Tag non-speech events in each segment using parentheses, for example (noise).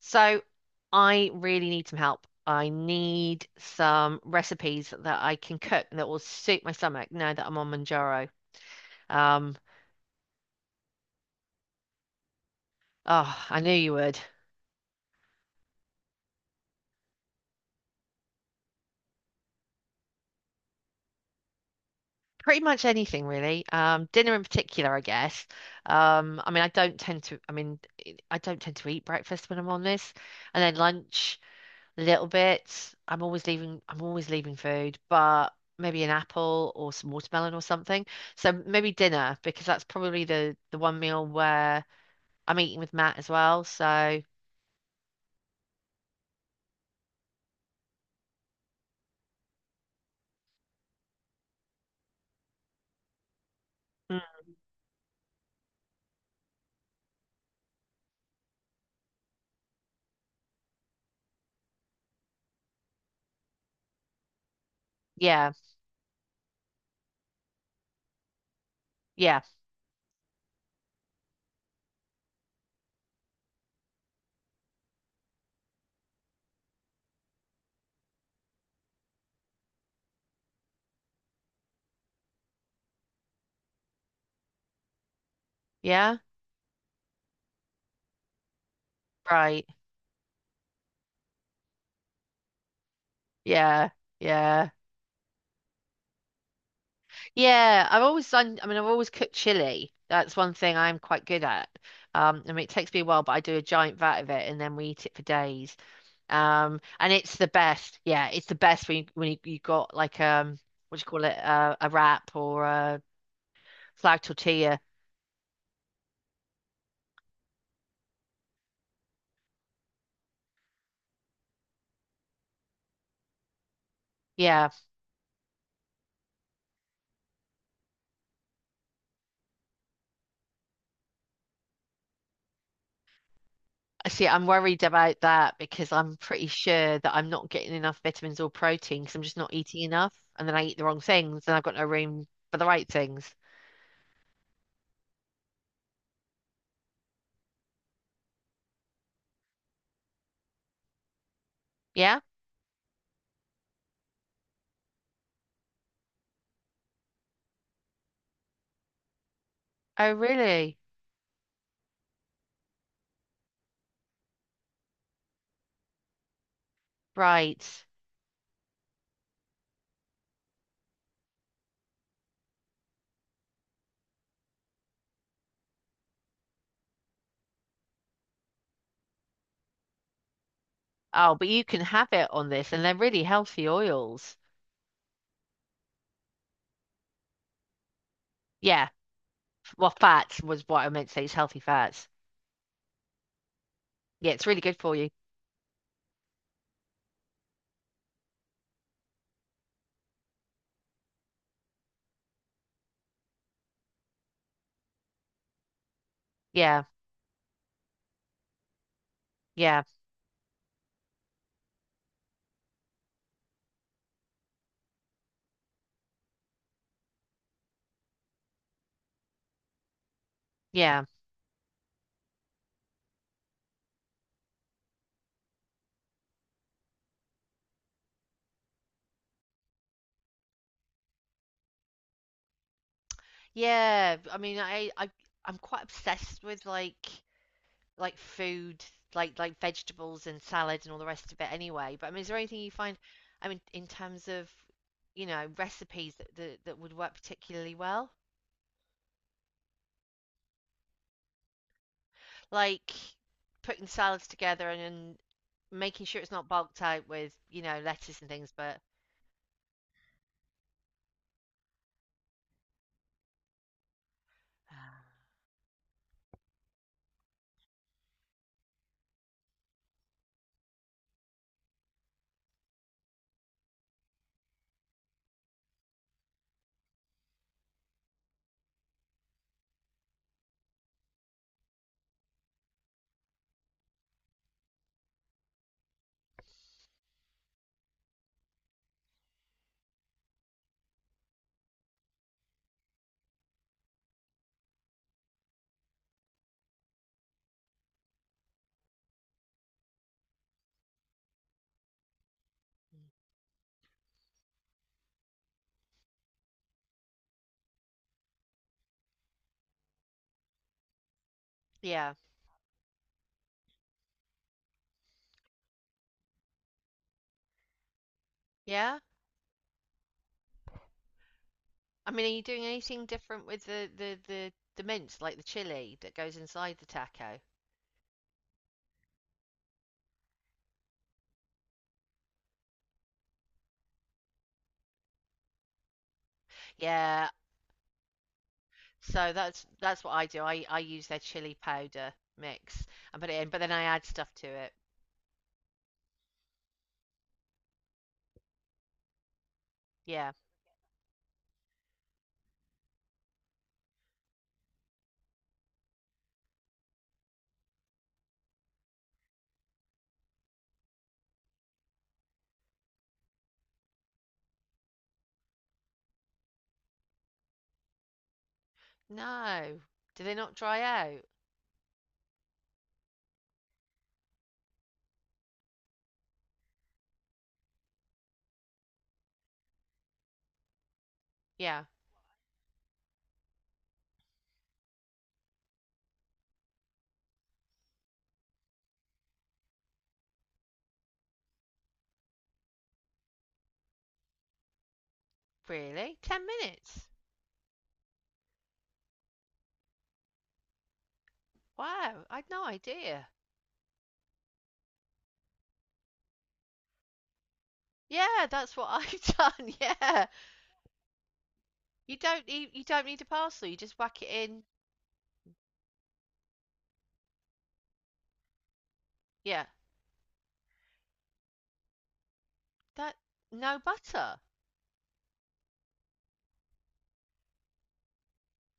So I really need some help. I need some recipes that I can cook that will suit my stomach now that I'm on Manjaro. Um, oh, I knew you would. Pretty much anything really. Dinner in particular, I guess. I mean, I don't tend to. I mean, I don't tend to eat breakfast when I'm on this, and then lunch a little bit. I'm always leaving food, but maybe an apple or some watermelon or something. So maybe dinner because that's probably the one meal where I'm eating with Matt as well. So mm, yeah, yeah, yeah, right, yeah, yeah, yeah. I've always I've always cooked chili. That's one thing I'm quite good at. I mean, it takes me a while, but I do a giant vat of it, and then we eat it for days. And it's the best. Yeah, it's the best when you got like what do you call it, a wrap or a flag tortilla. Yeah. See, I'm worried about that because I'm pretty sure that I'm not getting enough vitamins or protein because I'm just not eating enough. And then I eat the wrong things and I've got no room for the right things. Yeah? Oh, really? Right. Oh, but you can have it on this and they're really healthy oils. Yeah. Well, fats was what I meant to say. It's healthy fats. Yeah, it's really good for you. Yeah. Yeah. Yeah. Yeah. I mean, I'm quite obsessed with like food, like vegetables and salad and all the rest of it anyway. But I mean, is there anything you find, I mean, in terms of, you know, recipes that would work particularly well? Like putting salads together and making sure it's not bulked out with, you know, lettuce and things, but yeah. Yeah. I mean, are you doing anything different with the mince, like the chili that goes inside the taco? Yeah, so that's what I do. I use their chili powder mix and put it in, but then I add stuff to it. Yeah. No. Do they not dry out? Yeah. Really? 10 minutes? Wow, I'd no idea. Yeah, that's what I've done. (laughs) Yeah. You don't need a parcel. You just whack it in. Yeah. That no butter.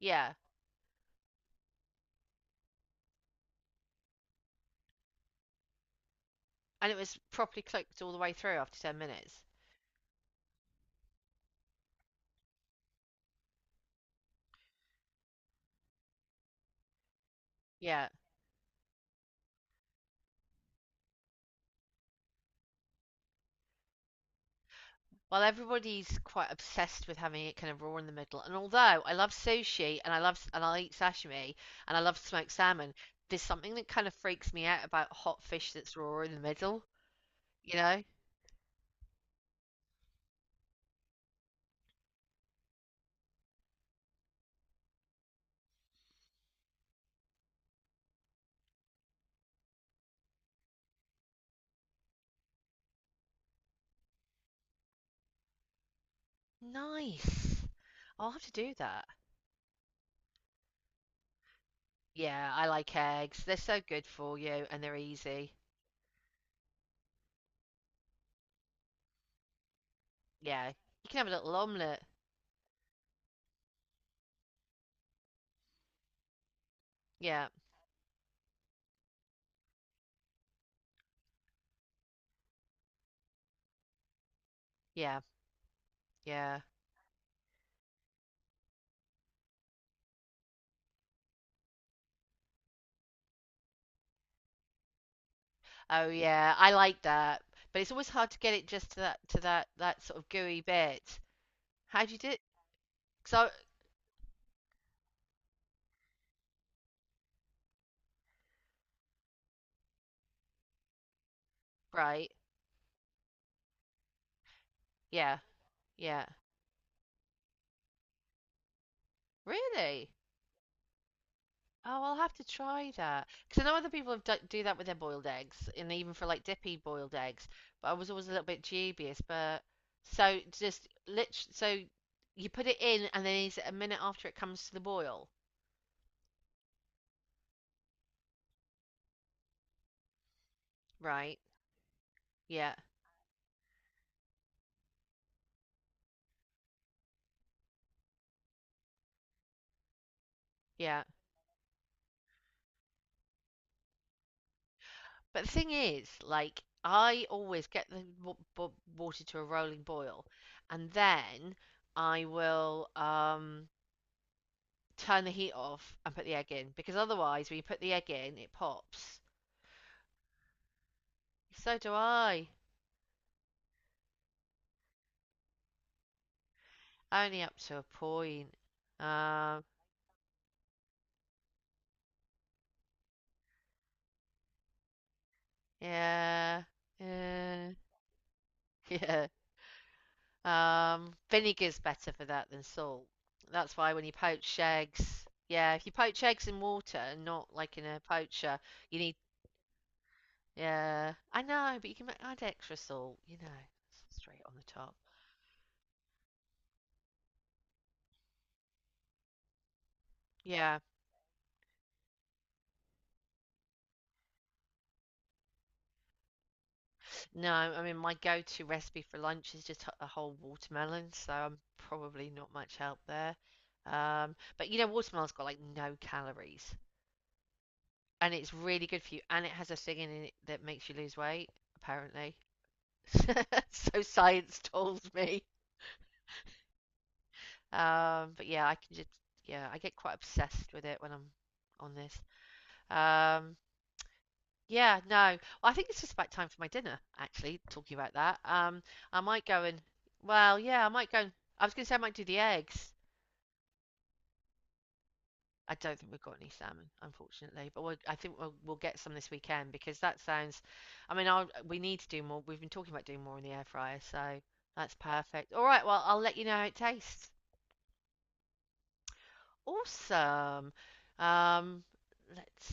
Yeah. And it was properly cooked all the way through after 10 minutes. Yeah. Well, everybody's quite obsessed with having it kind of raw in the middle. And although I love sushi and I love and I eat sashimi and I love smoked salmon, there's something that kind of freaks me out about hot fish that's raw in the middle, you know? Nice. I'll have to do that. Yeah, I like eggs. They're so good for you and they're easy. Yeah. You can have a little omelette. Yeah. Yeah. Yeah. Oh yeah, I like that. But it's always hard to get it just to that sort of gooey bit. How do you do it? So, right. Yeah, yeah. Really? Oh, I'll have to try that. Because I know other people do that with their boiled eggs, and even for like dippy boiled eggs. But I was always a little bit dubious. But so just lit. So you put it in, and then is it a minute after it comes to the boil? Right. Yeah, yeah. But the thing is, like, I always get the water to a rolling boil, and then I will. Turn the heat off and put the egg in because otherwise, when you put the egg in, it pops. So do I. Only up to a point. Um, yeah, yeah, (laughs) yeah. Vinegar's better for that than salt. That's why when you poach eggs, yeah, if you poach eggs in water and not like in a poacher, you need. Yeah, I know, but you can add extra salt. You know, straight on the top. Yeah. No, I mean my go-to recipe for lunch is just a whole watermelon, so I'm probably not much help there. But you know, watermelon's got like no calories, and it's really good for you, and it has a thing in it that makes you lose weight, apparently. (laughs) So science told me. But yeah, I can just yeah, I get quite obsessed with it when I'm on this. Um, Yeah, no. Well, I think it's just about time for my dinner, actually, talking about that. I might go and, well, yeah, I might go and, I was going to say I might do the eggs. I don't think we've got any salmon, unfortunately, I think we'll get some this weekend because that sounds, I mean, we need to do more. We've been talking about doing more in the air fryer, so that's perfect. All right, well, I'll let you know how it tastes. Awesome. Um, let's